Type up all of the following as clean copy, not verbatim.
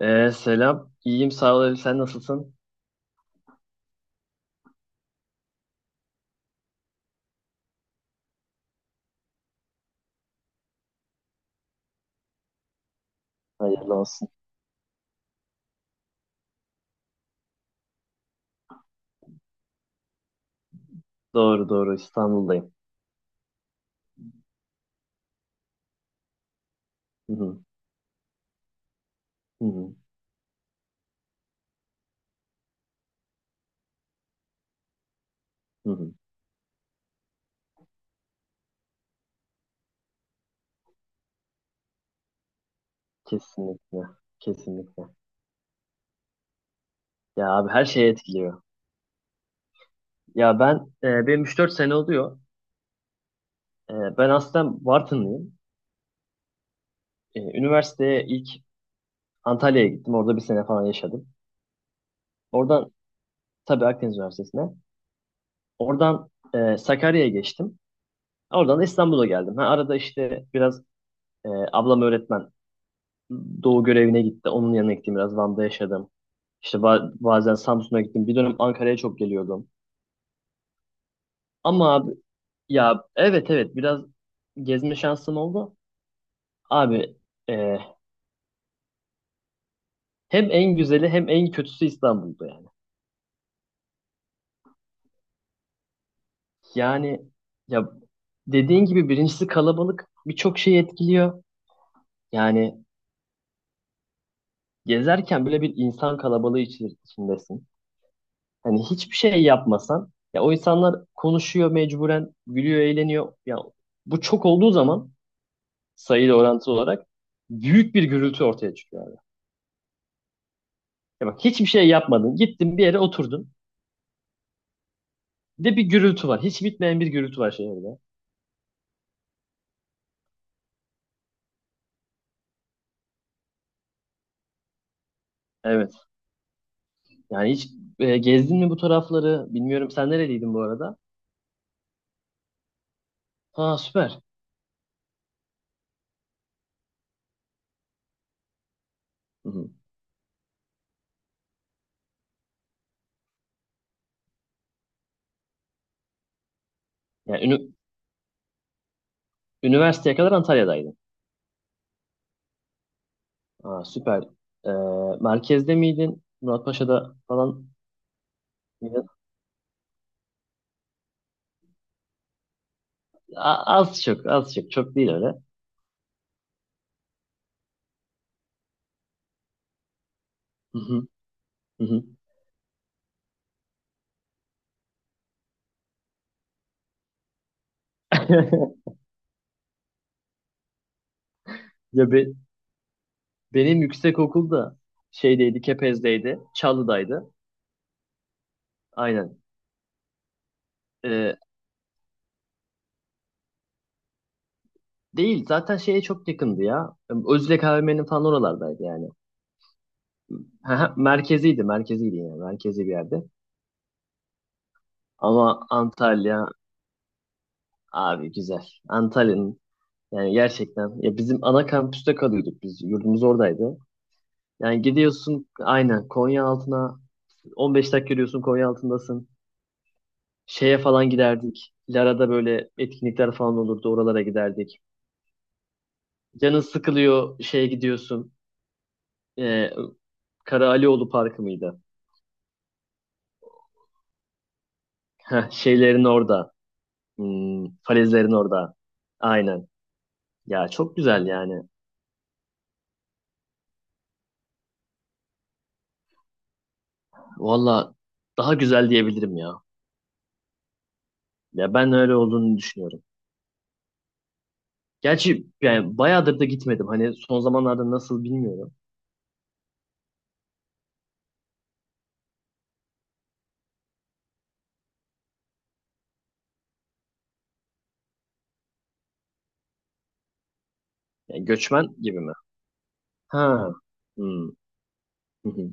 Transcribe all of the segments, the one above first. Selam. İyiyim sağ ol. Elif. Sen nasılsın? Hayırlı olsun. Doğru doğru İstanbul'dayım. Hı hı, hı hı, hı hı. Kesinlikle. Kesinlikle. Ya abi her şey etkiliyor. Ya benim 3-4 sene oluyor. Ben aslen Bartınlıyım. Üniversiteye ilk Antalya'ya gittim. Orada bir sene falan yaşadım. Oradan tabii Akdeniz Üniversitesi'ne. Oradan Sakarya'ya geçtim. Oradan da İstanbul'a geldim. Ha, arada işte biraz ablam öğretmen. Doğu görevine gitti. Onun yanına gittim. Biraz Van'da yaşadım. İşte bazen Samsun'a gittim. Bir dönem Ankara'ya çok geliyordum. Ama abi ya evet evet biraz gezme şansım oldu. Abi e, hem en güzeli hem en kötüsü İstanbul'da yani. Yani ya dediğin gibi birincisi kalabalık birçok şeyi etkiliyor. Yani gezerken bile bir insan kalabalığı içindesin. Hani hiçbir şey yapmasan ya o insanlar konuşuyor mecburen, gülüyor, eğleniyor. Ya bu çok olduğu zaman sayıyla orantılı olarak büyük bir gürültü ortaya çıkıyor abi. Ya bak hiçbir şey yapmadın. Gittin bir yere oturdun. Bir de bir gürültü var. Hiç bitmeyen bir gürültü var şehirde. Evet. Yani hiç gezdin mi bu tarafları? Bilmiyorum sen nereliydin bu arada? Ha süper. Hı hı. Yani üniversiteye kadar Antalya'daydın. Ha süper. E, Merkezde miydin? Muratpaşa'da falan mıydın? Az çok, az çok. Çok değil öyle. Hı hı, hı hı. Ya benim yüksek okulda şeydeydi, Kepez'deydi, Çalı'daydı. Aynen. Ee, Değil zaten şeye çok yakındı ya. Özlek AVM'nin falan oralardaydı yani. Merkeziydi, merkeziydi yani. Merkezi bir yerde. Ama Antalya abi güzel. Antalya'nın yani gerçekten ya bizim ana kampüste kalıyorduk biz. Yurdumuz oradaydı. Yani gidiyorsun aynen Konya altına 15 dakika yürüyorsun Konya altındasın. Şeye falan giderdik. Lara'da böyle etkinlikler falan olurdu. Oralara giderdik. Canın sıkılıyor şeye gidiyorsun. Ee, Kara Alioğlu Parkı mıydı? Heh, şeylerin orada. Falezlerin orada. Aynen. Ya çok güzel yani. Valla daha güzel diyebilirim ya. Ya ben öyle olduğunu düşünüyorum. Gerçi yani bayağıdır da gitmedim. Hani son zamanlarda nasıl bilmiyorum. Yani göçmen gibi mi? Ha. Hmm. Hı hı.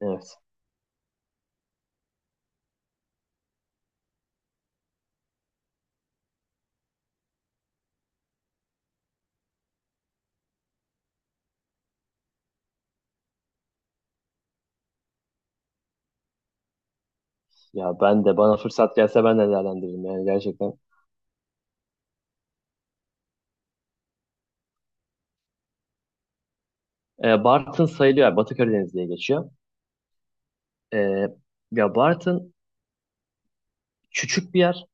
Evet. Ya ben de bana fırsat gelse ben de değerlendiririm yani gerçekten. Bartın sayılıyor. Yani Batı Karadeniz diye geçiyor. Ee, Ya Bartın küçük bir yer.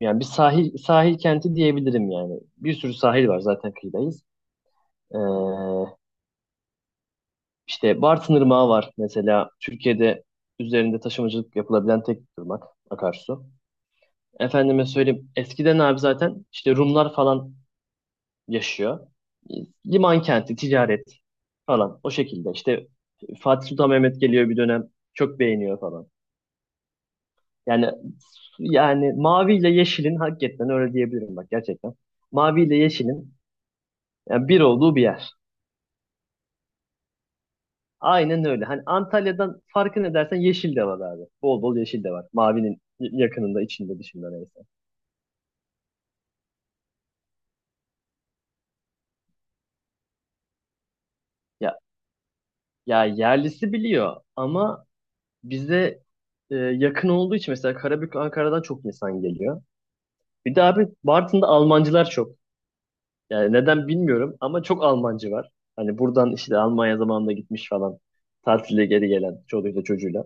Yani bir sahil kenti diyebilirim yani. Bir sürü sahil var zaten kıyıdayız. Ee, işte Bartın Irmağı var mesela Türkiye'de üzerinde taşımacılık yapılabilen tek ırmak akarsu. Efendime söyleyeyim eskiden abi zaten işte Rumlar falan yaşıyor. Liman kenti, ticaret falan o şekilde. İşte Fatih Sultan Mehmet geliyor bir dönem çok beğeniyor falan. Yani yani mavi ile yeşilin hakikaten öyle diyebilirim bak gerçekten. Mavi ile yeşilin yani bir olduğu bir yer. Aynen öyle. Hani Antalya'dan farkı ne dersen yeşil de var abi. Bol bol yeşil de var. Mavinin yakınında, içinde, dışında neyse. Ya, ya yerlisi biliyor ama bize yakın olduğu için mesela Karabük, Ankara'dan çok insan geliyor. Bir de abi Bartın'da Almancılar çok. Yani neden bilmiyorum ama çok Almancı var. Hani buradan işte Almanya zamanında gitmiş falan. Tatile geri gelen çoluğuyla çocuğuyla.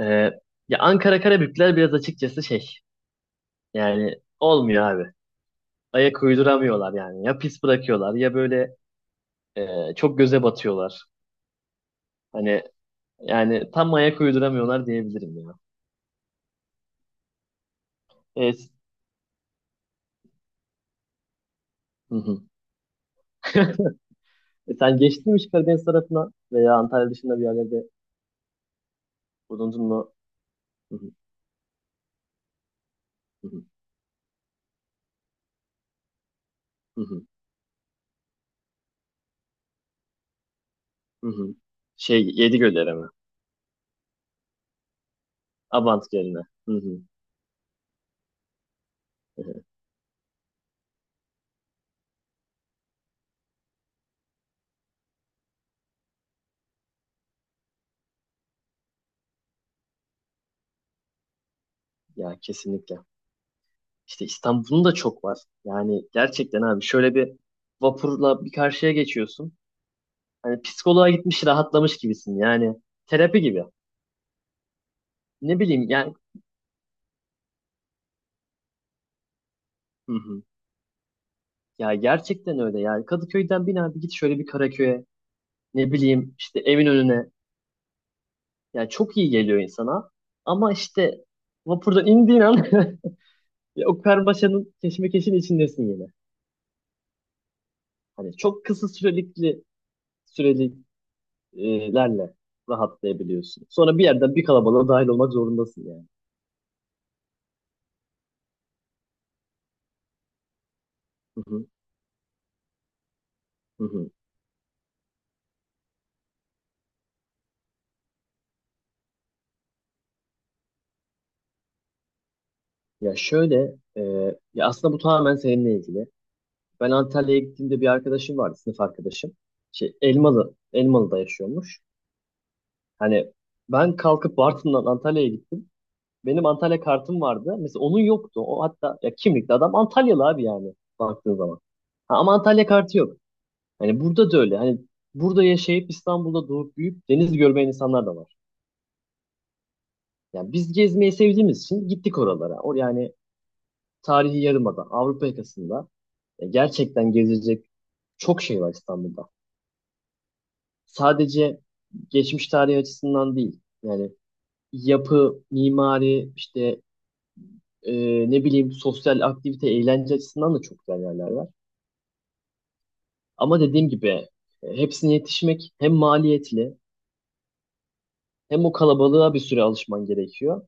E, Ya Ankara Karabükler biraz açıkçası şey. Yani olmuyor abi. Ayak uyduramıyorlar yani. Ya pis bırakıyorlar ya böyle çok göze batıyorlar. Hani yani tam ayak uyduramıyorlar diyebilirim ya. Evet. Hı hı. Sen geçtin mi hiç Karadeniz tarafına veya Antalya dışında bir yerlerde bulundun mu? Hı hı, hı hı, hı hı, hı hı. Şey Yedigöller'e mi? Abant Gölü'ne. Hı hı, hı hı. Ya kesinlikle. İşte İstanbul'un da çok var. Yani gerçekten abi şöyle bir vapurla bir karşıya geçiyorsun. Hani psikoloğa gitmiş rahatlamış gibisin. Yani terapi gibi. Ne bileyim yani. Hı hı. Ya gerçekten öyle yani Kadıköy'den bin abi git şöyle bir Karaköy'e ne bileyim işte evin önüne yani çok iyi geliyor insana ama işte vapurdan indiğin an ya o karmaşanın keşmekeşin içindesin yine. Hani çok kısa süreliklerle rahatlayabiliyorsun. Sonra bir yerden bir kalabalığa dahil olmak zorundasın yani. Hı hı, hı hı. Ya şöyle e, ya aslında bu tamamen seninle ilgili. Ben Antalya'ya gittiğimde bir arkadaşım vardı, sınıf arkadaşım. Şey, Elmalı'da yaşıyormuş. Hani ben kalkıp Bartın'dan Antalya'ya gittim. Benim Antalya kartım vardı. Mesela onun yoktu. O hatta ya kimlikli adam Antalyalı abi yani baktığın zaman. Ha, ama Antalya kartı yok. Hani burada da öyle. Hani burada yaşayıp İstanbul'da doğup büyüyüp deniz görmeyen insanlar da var. Yani biz gezmeyi sevdiğimiz için gittik oralara. O yani tarihi yarımada, Avrupa yakasında gerçekten gezilecek çok şey var İstanbul'da. Sadece geçmiş tarihi açısından değil. Yani yapı, mimari, işte e, ne bileyim sosyal aktivite, eğlence açısından da çok güzel yerler var. Ama dediğim gibi hepsine yetişmek hem maliyetli hem o kalabalığa bir süre alışman gerekiyor.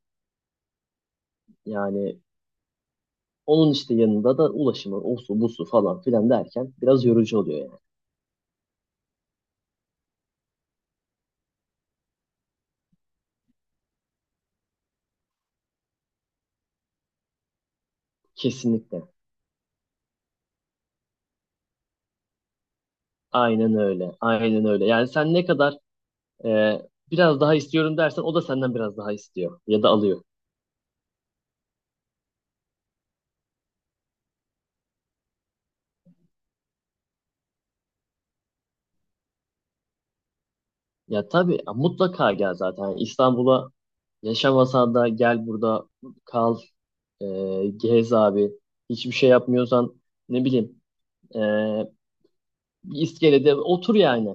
Yani onun işte yanında da ulaşımı, osu, busu falan filan derken biraz yorucu oluyor yani. Kesinlikle. Aynen öyle. Aynen öyle. Yani sen ne kadar e, biraz daha istiyorum dersen o da senden biraz daha istiyor ya da alıyor. Ya tabii ya mutlaka gel zaten. Yani İstanbul'a yaşamasan da gel burada kal, e, gez abi. Hiçbir şey yapmıyorsan ne bileyim e, bir iskelede otur yani.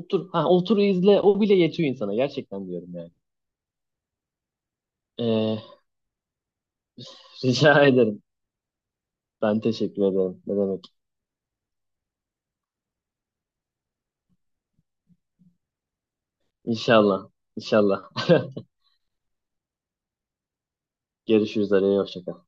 Otur, ha, otur izle o bile yetiyor insana gerçekten diyorum yani. E, rica ederim. Ben teşekkür ederim. Ne demek? İnşallah. İnşallah. Görüşürüz. Araya hoşça kal.